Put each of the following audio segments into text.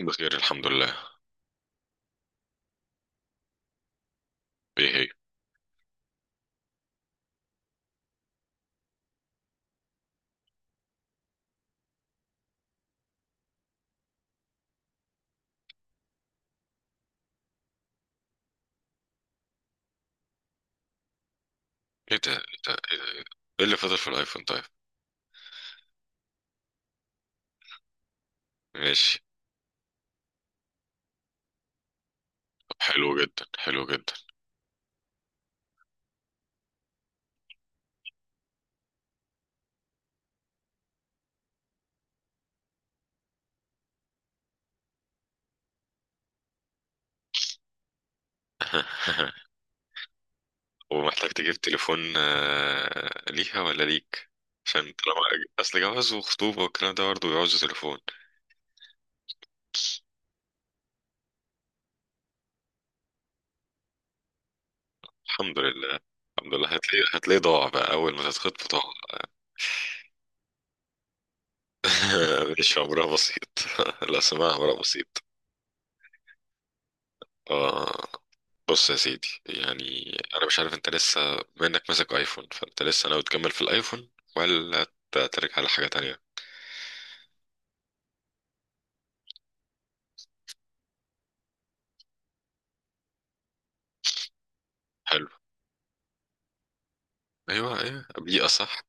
بخير، الحمد لله. ايه هي؟ ايه ده؟ ايه ده؟ ايه ده؟ إيه ده؟ إيه اللي فاضل في الايفون طيب؟ ماشي. طب حلو جدا، حلو جدا. ومحتاج تجيب تليفون، ليها ولا ليك؟ عشان طالما اصل جواز وخطوبة والكلام ده برضه بيعوز تليفون. الحمد لله، الحمد لله. هتلاقي، هتلاقي ضاع بقى اول ما تتخطب، ضاع. مش امرها بسيط. لا سماها امرها بسيط. اه. بص يا سيدي، يعني انا مش عارف انت لسه، بما انك ماسك ايفون، فانت لسه ناوي تكمل في الايفون ولا ترجع لحاجه تانية؟ حلو. ايوه ايوه، بيئه صح.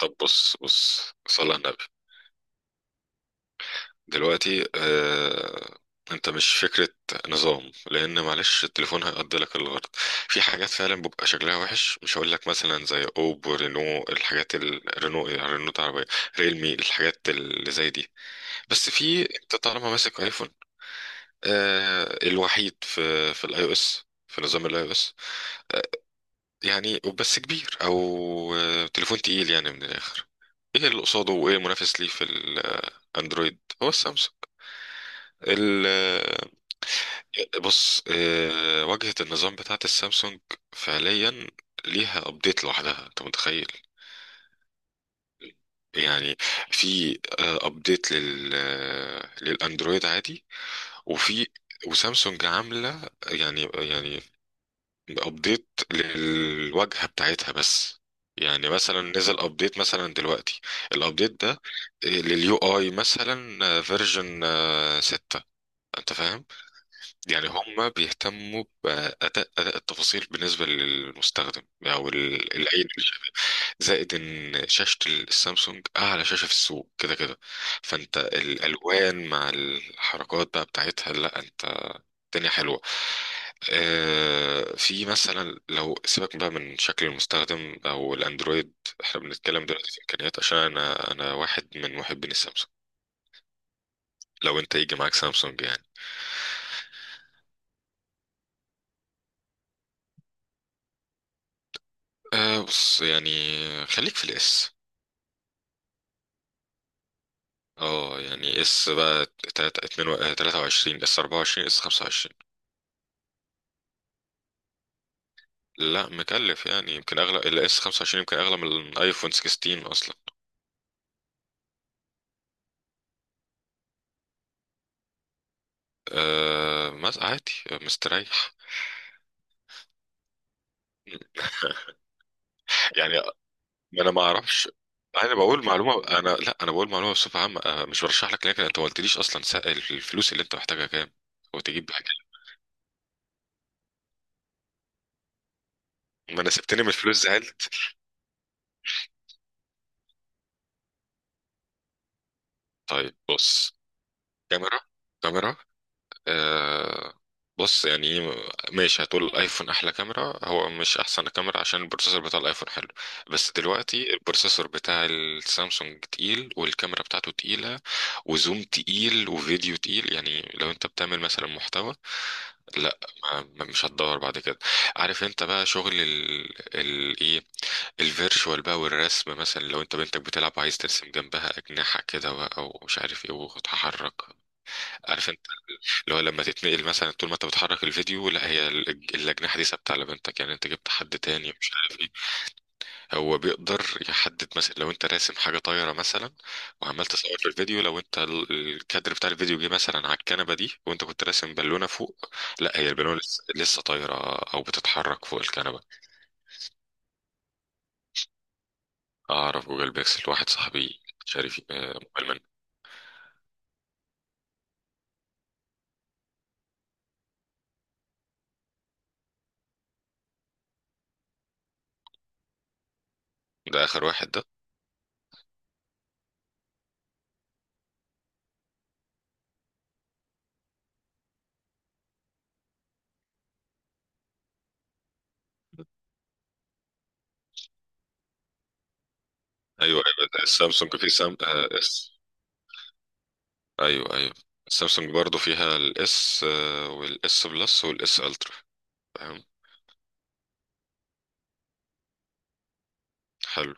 طب بص بص، صلى على النبي. دلوقتي انت مش فكره نظام، لان معلش التليفون هيقضي لك الغرض. في حاجات فعلا بيبقى شكلها وحش، مش هقول لك مثلا زي اوبو رينو، الحاجات الرينو رينو العربيه، ريلمي، الحاجات اللي زي دي. بس في، انت طالما ماسك ايفون، الوحيد في في الاي او اس، في نظام الاي او اس. يعني بس كبير، او تليفون تقيل يعني من الاخر. ايه اللي قصاده وايه المنافس ليه في الاندرويد؟ هو السامسونج. ال- آه، بص، واجهة النظام بتاعت السامسونج فعليا ليها ابديت لوحدها، انت متخيل؟ يعني في ابديت لل للاندرويد عادي، وفي، وسامسونج عامله يعني يعني بابديت للواجهه بتاعتها بس. يعني مثلا نزل ابديت مثلا دلوقتي، الابديت ده لليو اي مثلا فيرجن 6. انت فاهم؟ يعني هم بيهتموا باداء، اداء التفاصيل بالنسبه للمستخدم او العين اللي شايفها. زائد ان شاشه السامسونج اعلى شاشه في السوق كده كده، فانت الالوان مع الحركات بقى بتاعتها، لا انت الدنيا حلوة. في مثلا، لو سيبك بقى من شكل المستخدم او الاندرويد، احنا بنتكلم دلوقتي في امكانيات، عشان انا، انا واحد من محبين السامسونج. لو انت يجي معاك سامسونج يعني. أه بص يعني، خليك في الاس. اه يعني اس بقى تلاتة اتنين تلاتة وعشرين، اس اربعة وعشرين، اس خمسة وعشرين. لا مكلف يعني، يمكن اغلى الاس خمسة وعشرين يمكن اغلى من الايفون 16 اصلا. أه ما عادي، مستريح. يعني ما انا ما اعرفش، انا بقول معلومه، انا لا، انا بقول معلومه بصفه عامه، أنا مش برشح لك، لكن انت ما قلتليش اصلا الفلوس اللي انت محتاجها كام وتجيب حاجه؟ ما انا سبتني من الفلوس زعلت. طيب بص، كاميرا، كاميرا، آه. بص يعني، ماشي، هتقول الايفون احلى كاميرا، هو مش احسن كاميرا عشان البروسيسور بتاع الايفون حلو. بس دلوقتي البروسيسور بتاع السامسونج تقيل، والكاميرا بتاعته تقيله، وزوم تقيل، وفيديو تقيل. يعني لو انت بتعمل مثلا محتوى، لا مش هتدور بعد كده. عارف انت بقى شغل ال ال ايه، الفيرشوال بقى والرسم، مثلا لو انت بنتك بتلعب عايز ترسم جنبها اجنحه كده بقى ومش عارف ايه وتتحرك، عارف انت، اللي هو لما تتنقل مثلا، طول ما انت بتحرك الفيديو لا هي الاجنحه دي ثابته على بنتك، يعني انت جبت حد تاني مش عارف. هو بيقدر يحدد مثلا لو انت راسم حاجه طايره مثلا، وعمال تصور في الفيديو، لو انت الكادر بتاع الفيديو جه مثلا على الكنبه دي، وانت كنت راسم بالونه فوق، لا هي البالونه لسه طايره، او بتتحرك فوق الكنبه. اعرف جوجل بيكسل، واحد صاحبي شاري موبايل منه. ده اخر واحد ده؟ ايوه ايوه، ده السامسونج في سام، اس. ايوه ايوه، السامسونج برضو فيها الاس، والاس بلس، والاس الترا. فاهم؟ حلو.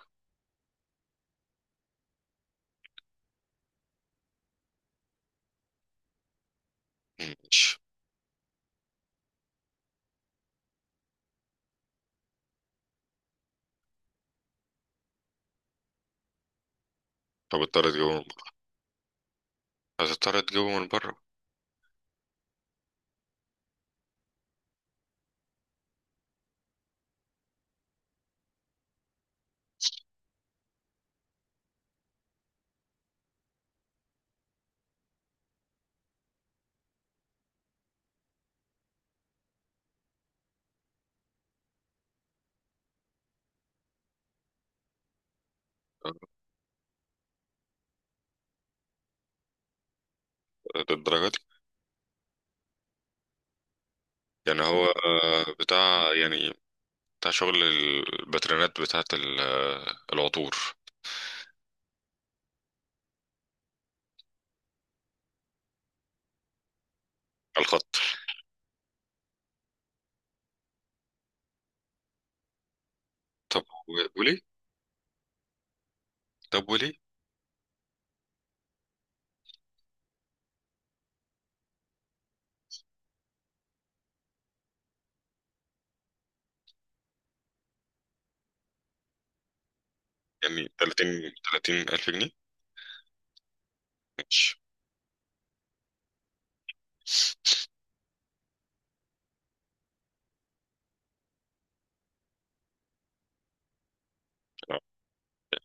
ماشي، طب اضطر تجيبه من بره. هتضطر تجيبه من بره. للدرجة دي؟ يعني هو بتاع يعني، بتاع شغل الباترينات بتاعة العطور. على الخط. طب وليه؟ طب وليه؟ يعني 30، 30 ألف جنيه؟ ماشي. آه،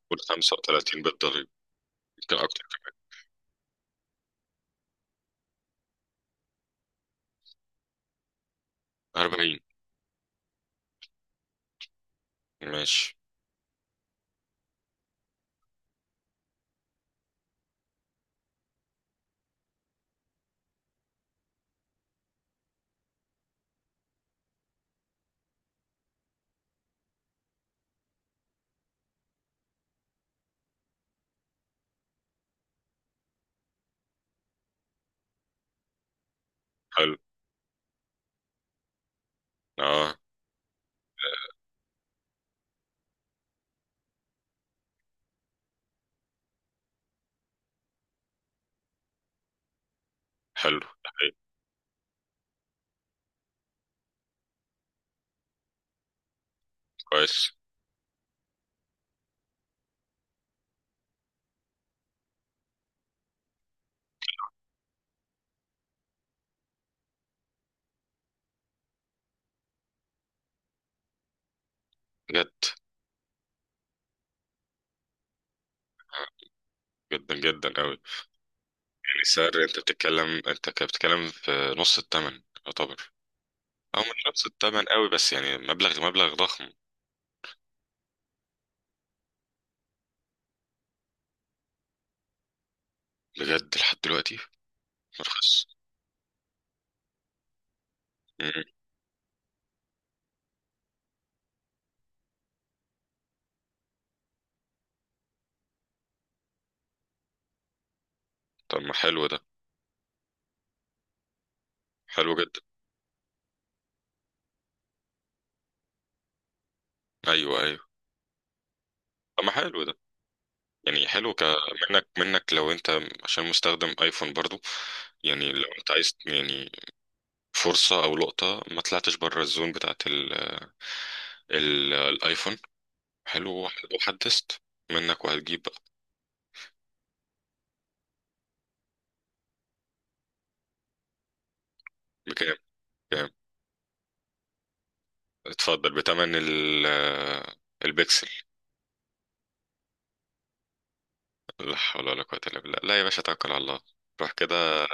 قول 35 بالضريبة، يمكن أكتر، 40. ماشي، حلو. اه حلو. طيب، كويس. بجد؟ آه، جدا جدا أوي. يعني السعر أنت بتتكلم، أنت كده بتتكلم في نص الثمن يعتبر، أو مش نص الثمن أوي بس يعني مبلغ، مبلغ ضخم. بجد لحد دلوقتي مرخص؟ مم. طب ما حلو ده. حلو جدا. ايوه ايوه. طب ما حلو ده. يعني حلو ك، منك، منك لو انت، عشان مستخدم ايفون برضو، يعني لو انت عايز يعني فرصة او لقطة، ما طلعتش بره الزون بتاعت الايفون. حلو. وحدثت منك. وهتجيب بقى. بكام؟ كام؟ اتفضل بتمن البكسل. لا حول ولا قوة الا بالله. لا يا باشا، توكل على الله. روح كده،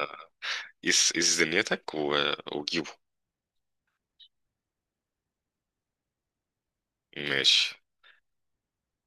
قيس قيس دنيتك و... وجيبه. ماشي.